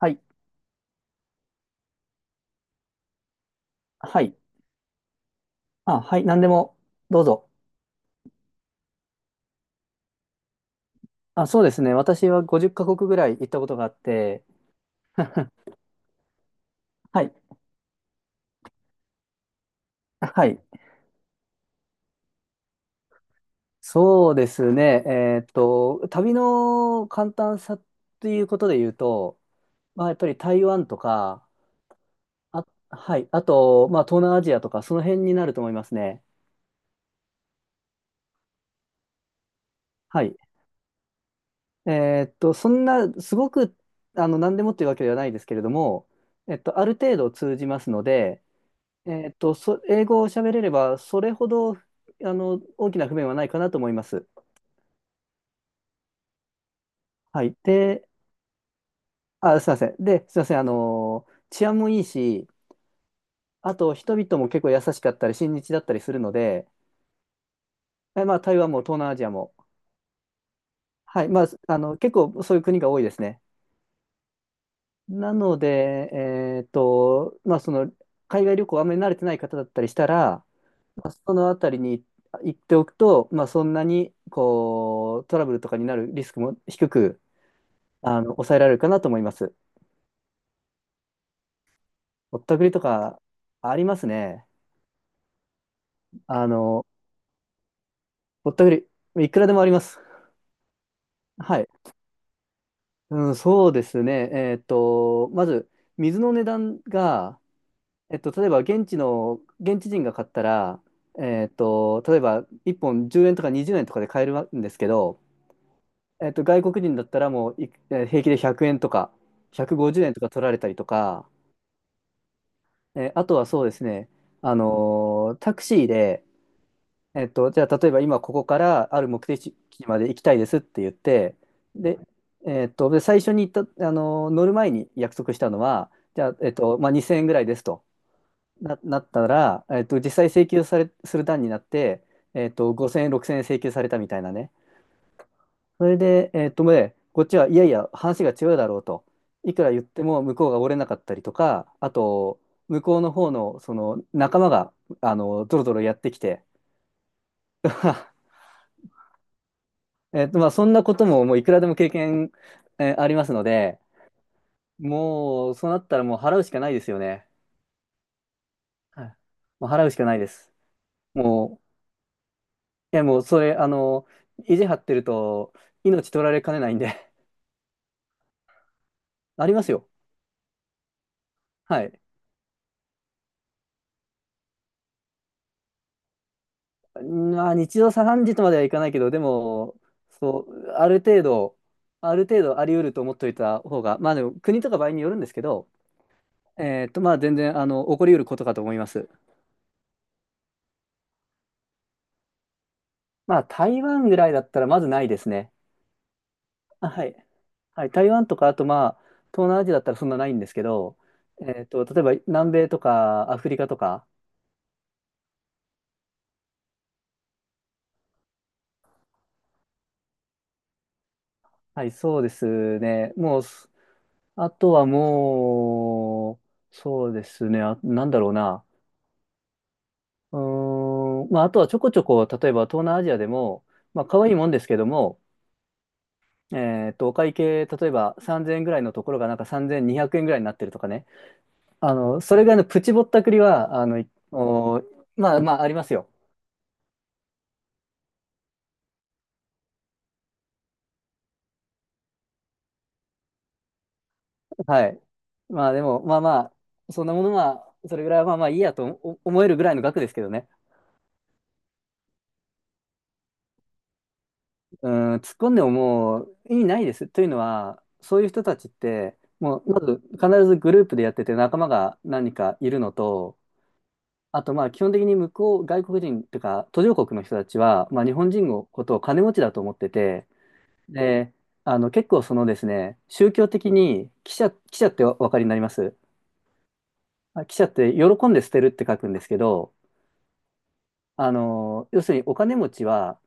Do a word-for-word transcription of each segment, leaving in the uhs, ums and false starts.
はい。はい。あ、はい。何でも、どうぞ。あ、そうですね。私はごじゅっかこくカ国ぐらい行ったことがあって、はい。はい。そうですね。えっと、旅の簡単さということで言うと、まあ、やっぱり台湾とか、あ、はい。あと、まあ、東南アジアとか、その辺になると思いますね。はい。えっと、そんな、すごく、あの、何でもっていうわけではないですけれども、えっと、ある程度通じますので、えっと、そ、英語を喋れれば、それほど、あの、大きな不便はないかなと思います。はい。で、あ、すいません。で、すいません。あの、治安もいいし、あと、人々も結構優しかったり、親日だったりするので、え、まあ、台湾も東南アジアも、はい。まあ、あの、結構そういう国が多いですね。なので、えっと、まあ、その、海外旅行あんまり慣れてない方だったりしたら、まあ、そのあたりに行っておくと、まあ、そんなに、こう、トラブルとかになるリスクも低く、あの、抑えられるかなと思います。ぼったくりとかありますね。あの、ぼったくり、いくらでもあります。はい。うん、そうですね。えっと、まず、水の値段が、えっと、例えば現地の、現地人が買ったら、えっと、例えばいっぽんじゅうえんとかにじゅうえんとかで買えるんですけど、えっと、外国人だったらもうい、えー平気でひゃくえんとか、ひゃくごじゅうえんとか取られたりとか、えーあとはそうですね、あのータクシーで、えっと、じゃあ、例えば今ここからある目的地まで行きたいですって言って、で、えっと、で最初に行った、あの、乗る前に約束したのは、じゃあ、えっと、まあ、にせんえんぐらいですとな、なったら、えっと、実際請求され、する段になって、えっと、ごせんえん、ろくせんえん請求されたみたいなね。それで、えっと、ね、こっちはいやいや、話が違うだろうと。いくら言っても向こうが折れなかったりとか、あと、向こうの方の、その仲間が、あの、ドロドロやってきて。 えっと、まあ、そんなことも、もういくらでも経験、えーありますので、もう、そうなったらもう払うしかないですよね。はい。もう払うしかないです。もう、いや、もう、それ、あの、意地張ってると、命取られかねないんで。ありますよ。はい。まあ、日常茶飯事とまではいかないけど、でも、そう、ある程度、ある程度あり得ると思っておいた方が、まあ、でも、国とか場合によるんですけど、えっと、まあ、全然、あの、起こり得ることかと思います。まあ、台湾ぐらいだったら、まずないですね。あ、はい。はい、台湾とか、あとまあ、東南アジアだったらそんなないんですけど、えっと、例えば南米とかアフリカとか、はい、そうですね。もう、すあとはもう、そうですね。あ、なんだろうな。うーん、まあ、あとはちょこちょこ、例えば東南アジアでも、まあ、可愛いもんですけども、えっと、お会計、例えばさんぜんえんぐらいのところがなんかさんぜんにひゃくえんぐらいになってるとかね。あの、それぐらいのプチぼったくりは、あの、いおまあまあ、ありますよ。はい。まあでも、まあまあ、そんなものは、それぐらいはまあまあいいやと思思えるぐらいの額ですけどね。うん、突っ込んでももう意味ないです。というのは、そういう人たちって、もうまず必ずグループでやってて仲間が何人かいるのと、あとまあ基本的に向こう、外国人というか途上国の人たちは、まあ日本人のことを金持ちだと思ってて、で、あの結構そのですね、宗教的に、記者、記者ってお分かりになります？まあ記者って喜んで捨てるって書くんですけど、あの、要するにお金持ちは、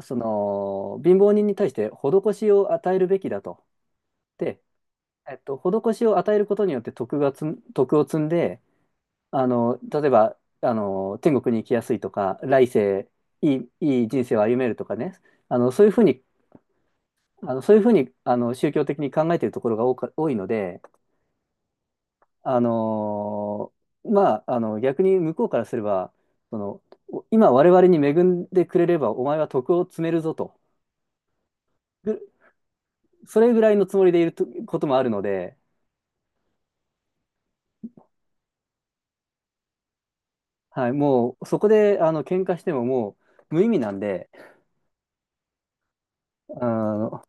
その、貧乏人に対して施しを与えるべきだと。で、えっと、施しを与えることによって徳がつん、徳を積んで、あの、例えば、あの、天国に行きやすいとか、来世、いい、いい人生を歩めるとかね、あの、そういうふうに、あの、そういうふうに、あの、宗教的に考えているところが多か、多いので、あの、まあ、あの、逆に向こうからすれば、その、今我々に恵んでくれればお前は徳を積めるぞと。ぐそれぐらいのつもりでいるとこともあるので、はい、もうそこであの喧嘩してももう無意味なんで、あの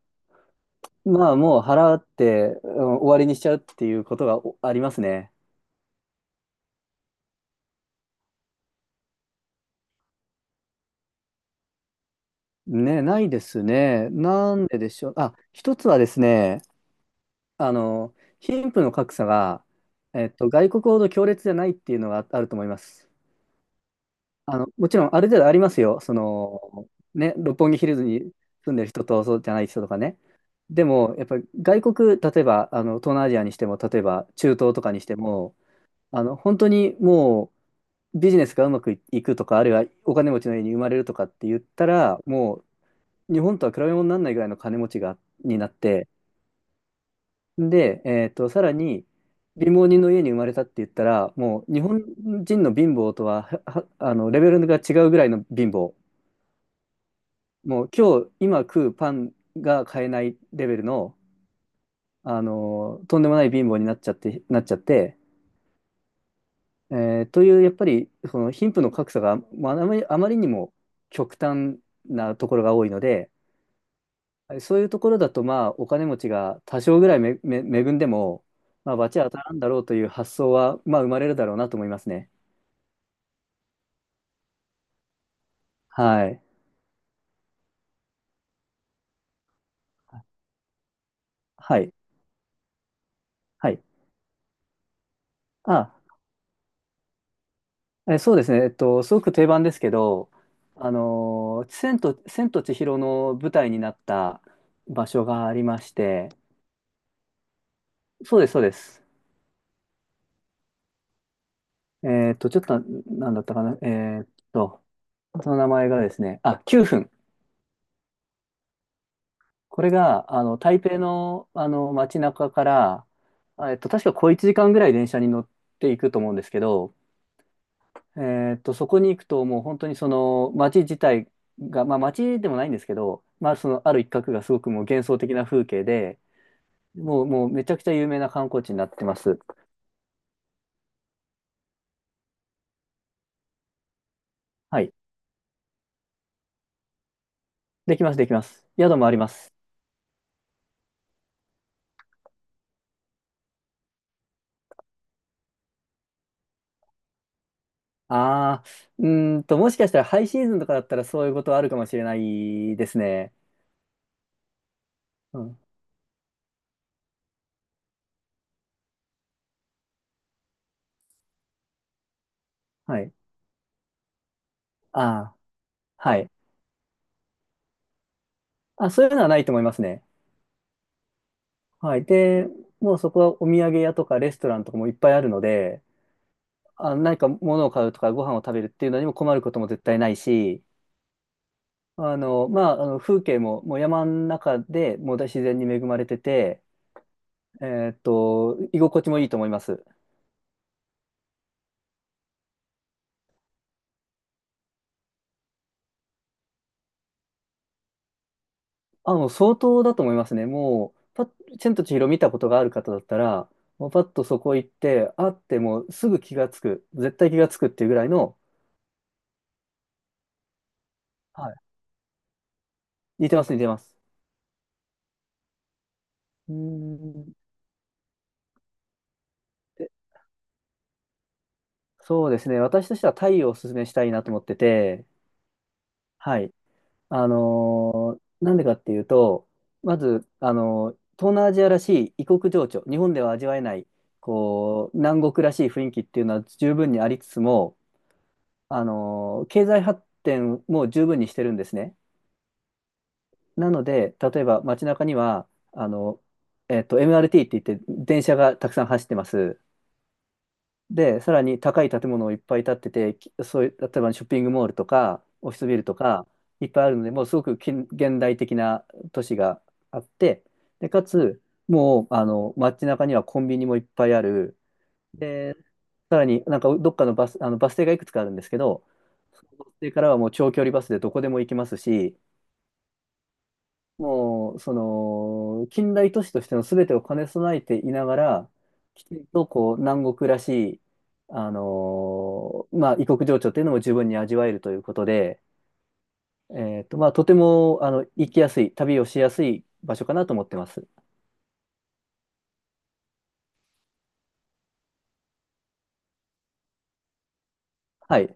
まあもう払って、うん終わりにしちゃうっていうことがおありますね。ね、ないですね。なんででしょう。あ、一つはですね、あの、貧富の格差が、えっと、外国ほど強烈じゃないっていうのがああると思います。あの、もちろんある程度ありますよ。その、ね、六本木ヒルズに住んでる人とそうじゃない人とかね。でも、やっぱり外国、例えば、あの、東南アジアにしても、例えば中東とかにしても、あの、本当にもうビジネスがうまくいくとか、あるいはお金持ちの家に生まれるとかって言ったら、もう日本とは比べ物にならないぐらいの金持ちが、になって、で、えっと、さらに、貧乏人の家に生まれたって言ったら、もう日本人の貧乏とは、は、はあの、レベルが違うぐらいの貧乏。もう今日、今食うパンが買えないレベルの、あの、とんでもない貧乏になっちゃって、なっちゃって、えーという、やっぱり、その貧富の格差が、まあ、あまり、あまりにも極端なところが多いので、そういうところだと、まあ、お金持ちが多少ぐらいめ、め、恵んでも、まあ、罰は当たらんだろうという発想は、まあ、生まれるだろうなと思いますね。はい。はい。はい。あえ、そうですね。えっと、すごく定番ですけど、あのー千と、千と千尋の舞台になった場所がありまして、そうです、そうです。えっと、ちょっとな、なんだったかな。えっと、その名前がですね、あ、きゅうふん。これが、あの、台北の、あの、街中から、あえっと、確か小いちじかんぐらい電車に乗っていくと思うんですけど、えーっと、そこに行くともう本当にその街自体が、まあ街でもないんですけど、まあそのある一角がすごくもう幻想的な風景で、もう、もうめちゃくちゃ有名な観光地になってます。はい。できます、できます。宿もあります。ああ、うーんと、もしかしたらハイシーズンとかだったらそういうことはあるかもしれないですね。うん。はい。ああ、はい。あ、そういうのはないと思いますね。はい。で、もうそこはお土産屋とかレストランとかもいっぱいあるので、あ何か物を買うとかご飯を食べるっていうのにも困ることも絶対ないし、あの、まあ、あの風景も、もう山の中でもう自然に恵まれてて、えーっと、居心地もいいと思います。あ、もう相当だと思いますね。もう、パッ、千と千尋見たことがある方だったら、もうパッとそこ行って、あってもうすぐ気がつく、絶対気がつくっていうぐらいの。はい、似てます、似てます。うーん、でそうですね。私としてはタイをおすすめしたいなと思ってて、はい。あのーなんでかっていうと、まず、あのー東南アジアらしい異国情緒、日本では味わえない、こう、南国らしい雰囲気っていうのは十分にありつつも、あのー経済発展も十分にしてるんですね。なので、例えば街中には、あの、えっと、エムアールティー って言って電車がたくさん走ってます。で、さらに高い建物をいっぱい建ってて、きそういう、例えばショッピングモールとか、オフィスビルとか、いっぱいあるので、もうすごく近現代的な都市があって、で、かつ、もう、あの、街中にはコンビニもいっぱいある。で、さらになんかどっかのバス、あのバス停がいくつかあるんですけど、そのバス停からはもう長距離バスでどこでも行きますし、もう、その、近代都市としての全てを兼ね備えていながら、きちんとこう、南国らしい、あのーまあ、異国情緒というのも十分に味わえるということで、えっと、まあ、とても、あの、行きやすい、旅をしやすい場所かなと思ってます。はい。